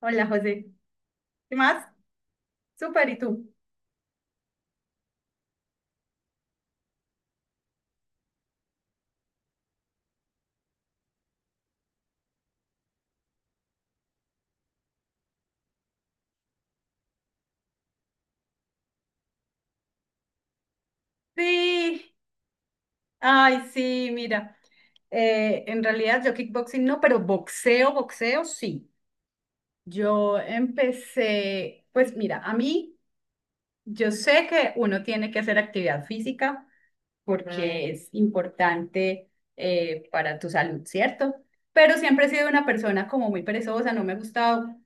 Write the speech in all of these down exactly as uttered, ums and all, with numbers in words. Hola, José. ¿Qué más? Súper, ¿y tú? Sí, ay, sí, mira, eh, en realidad yo kickboxing no, pero boxeo, boxeo sí. Yo empecé, pues mira, a mí, yo sé que uno tiene que hacer actividad física, Mm, porque es importante eh, para tu salud, ¿cierto? Pero siempre he sido una persona como muy perezosa, no me ha gustado,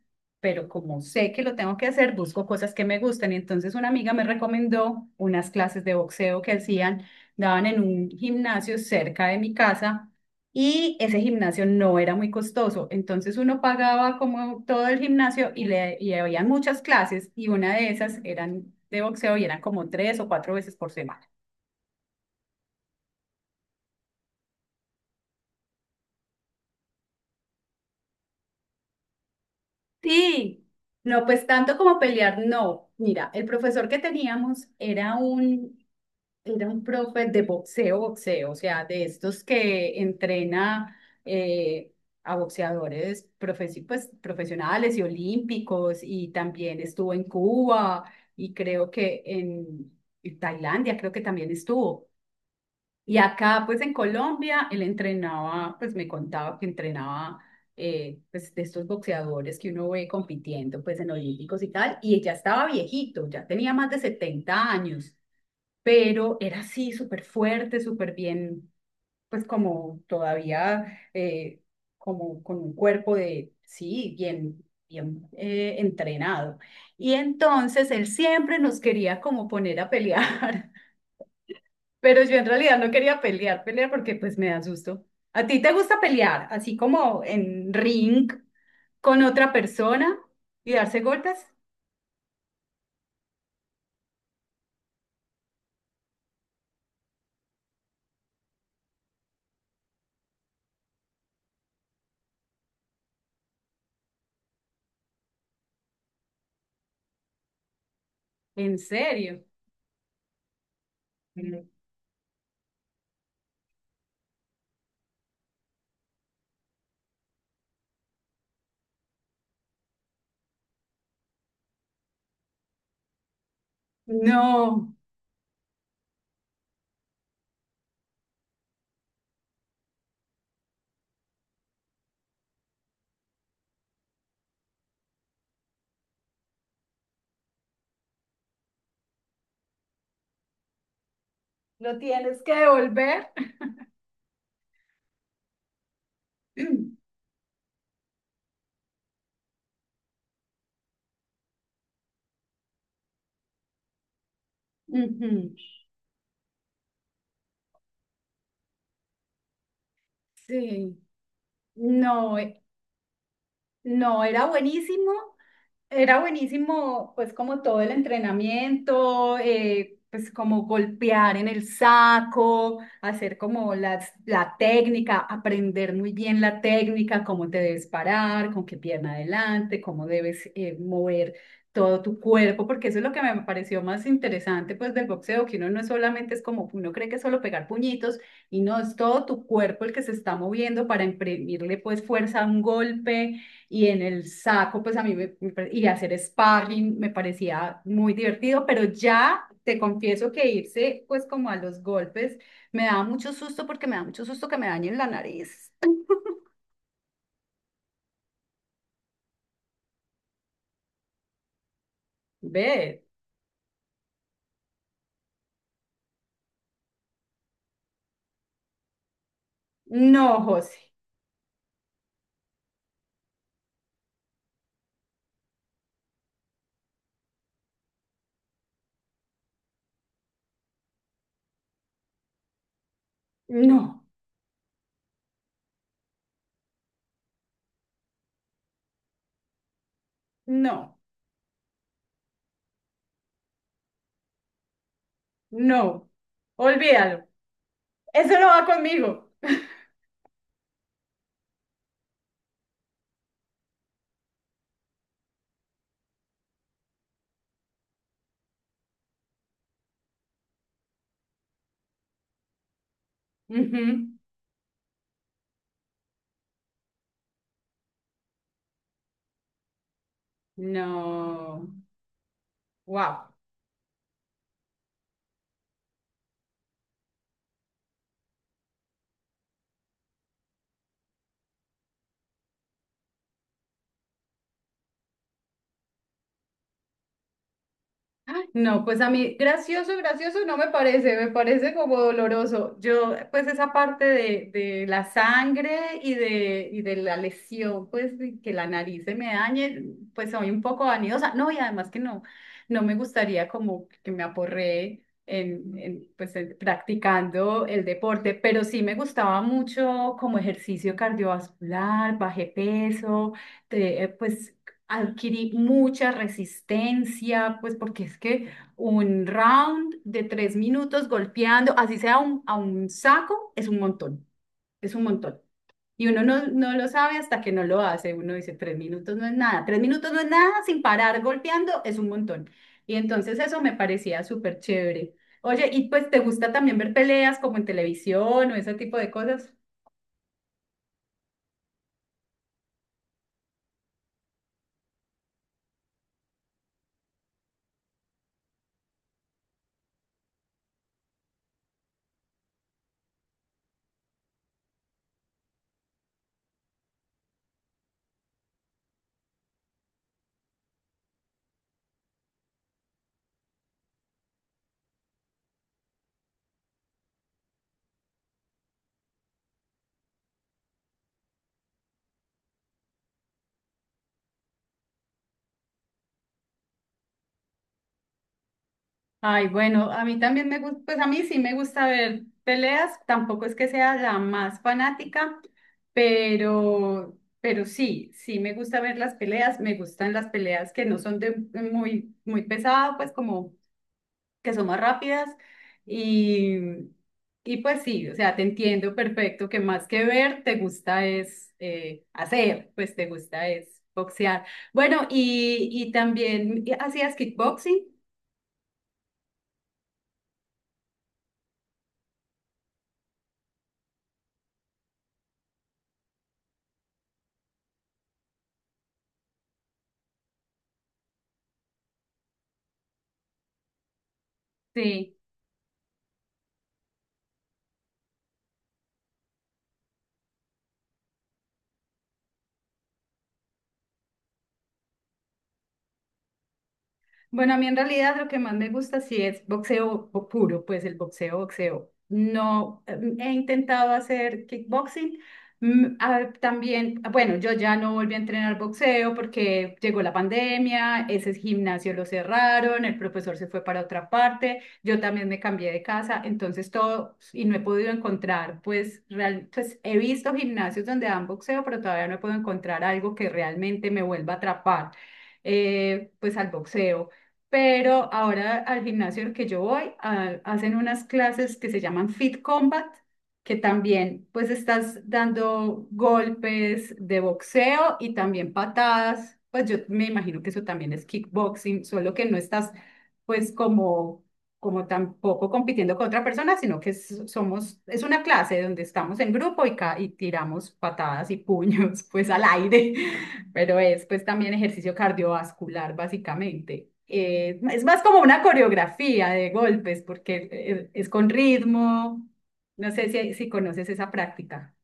pero como sé que lo tengo que hacer, busco cosas que me gustan. Y entonces una amiga me recomendó unas clases de boxeo que hacían, daban en un gimnasio cerca de mi casa. Y ese gimnasio no era muy costoso, entonces uno pagaba como todo el gimnasio y, le, y había muchas clases y una de esas eran de boxeo y eran como tres o cuatro veces por semana. Sí, no, pues tanto como pelear, no. Mira, el profesor que teníamos era un, era un profe de boxeo, boxeo, o sea, de estos que entrena eh, a boxeadores profesi- pues, profesionales y olímpicos, y también estuvo en Cuba y creo que en en Tailandia, creo que también estuvo. Y acá, pues en Colombia, él entrenaba, pues me contaba que entrenaba, eh, pues de estos boxeadores que uno ve compitiendo, pues en olímpicos y tal, y ya estaba viejito, ya tenía más de setenta años, pero era así, súper fuerte, súper bien, pues como todavía, eh, como con un cuerpo de, sí, bien, bien eh, entrenado. Y entonces él siempre nos quería como poner a pelear. Pero yo en realidad no quería pelear, pelear porque pues me da susto. ¿A ti te gusta pelear, así como en ring con otra persona y darse golpes? ¿En serio? Mm. No, lo tienes que devolver. Ujú. Sí, no. No, era buenísimo, era buenísimo pues como todo el entrenamiento, eh, pues como golpear en el saco, hacer como las, la técnica, aprender muy bien la técnica, cómo te debes parar, con qué pierna adelante, cómo debes eh, mover todo tu cuerpo, porque eso es lo que me pareció más interesante pues del boxeo, que uno no solamente es como, uno cree que es solo pegar puñitos y no, es todo tu cuerpo el que se está moviendo para imprimirle pues fuerza a un golpe y en el saco, pues a mí me, me pare- y hacer sparring me parecía muy divertido, pero ya te confieso que irse pues como a los golpes me da mucho susto porque me da mucho susto que me dañen la nariz. Ve, no, José, no, no, no, olvídalo, eso no va conmigo. Ujú, no, wow. No, pues a mí gracioso, gracioso no me parece, me parece como doloroso. Yo, pues esa parte de, de la sangre y de, y de la lesión, pues de que la nariz se me dañe, pues soy un poco vanidosa. No, y además que no, no me gustaría como que me aporree en, en, pues en- practicando el deporte, pero sí me gustaba mucho como ejercicio cardiovascular, bajé peso, te- eh, pues adquirí mucha resistencia, pues porque es que un round de tres minutos golpeando, así sea un- a un saco, es un montón, es un montón. Y uno no, no lo sabe hasta que no lo hace. Uno dice, tres minutos no es nada, tres minutos no es nada, sin parar golpeando es un montón. Y entonces eso me parecía súper chévere. Oye, ¿y pues te gusta también ver peleas como en televisión o ese tipo de cosas? Ay, bueno, a mí también me gusta, pues a mí sí me gusta ver peleas, tampoco es que sea la más fanática, pero, pero sí, sí me gusta ver las peleas, me gustan las peleas que no son de muy, muy pesado, pues como que son más rápidas y, y pues sí, o sea, te entiendo perfecto que más que ver, te gusta es eh, hacer, pues te gusta es boxear. Bueno, y, y también ¿hacías kickboxing? Sí. Bueno, a mí en realidad lo que más me gusta sí es boxeo bo- puro, pues el boxeo, boxeo. No, em, he intentado hacer kickboxing. Mm, a también, bueno, yo ya no volví a entrenar boxeo porque llegó la pandemia, ese gimnasio lo cerraron, el profesor se fue para otra parte, yo también me cambié de casa, entonces todo, y no he podido encontrar, pues, real, pues he visto gimnasios donde dan boxeo, pero todavía no he podido encontrar algo que realmente me vuelva a atrapar, eh, pues al boxeo, pero ahora al gimnasio al que yo voy a- hacen unas clases que se llaman Fit Combat, que también pues estás dando golpes de boxeo y también patadas, pues yo me imagino que eso también es kickboxing, solo que no estás pues como como tampoco compitiendo con otra persona, sino que es- somos, es una clase donde estamos en grupo y, ca- y tiramos patadas y puños pues al aire. Pero es pues también ejercicio cardiovascular, básicamente. Eh, es más como una coreografía de golpes, porque eh, es, con ritmo. No sé si, si conoces esa práctica.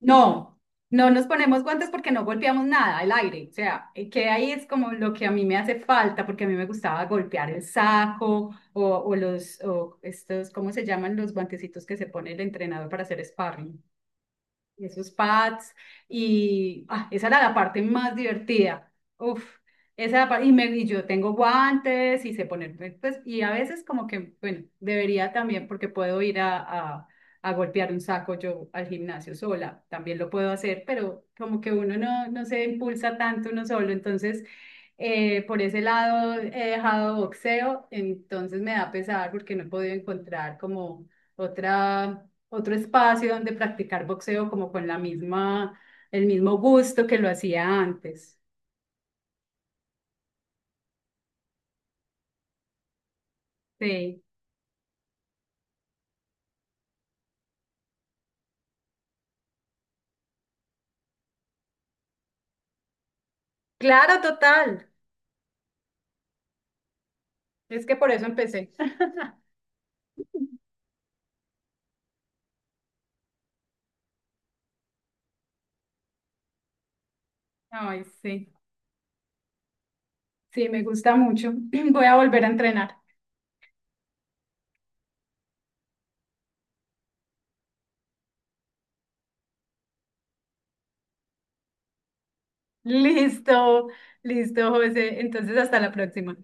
No, no nos ponemos guantes porque no golpeamos nada, el aire. O sea, eh, que ahí es como lo que a mí me hace falta, porque a mí me gustaba golpear el saco o, o los, o estos, ¿cómo se llaman los guantecitos que se pone el entrenador para hacer sparring? Y esos pads, y ah, esa era la parte más divertida. Uf, esa era la parte, y, me, y yo tengo guantes y sé ponerme, pues, y a veces como que, bueno, debería también porque puedo ir a, a, a golpear un saco yo al gimnasio sola, también lo puedo hacer, pero como que uno no, no se impulsa tanto uno solo, entonces, eh, por ese lado he dejado boxeo, entonces me da pesar porque no he podido encontrar como otra, otro espacio donde practicar boxeo como con la misma, el mismo gusto que lo hacía antes. Sí, claro, total. Es que por eso empecé. Ay, sí, sí, me gusta mucho. Voy a volver a entrenar. Listo, listo, José. Entonces, hasta la próxima.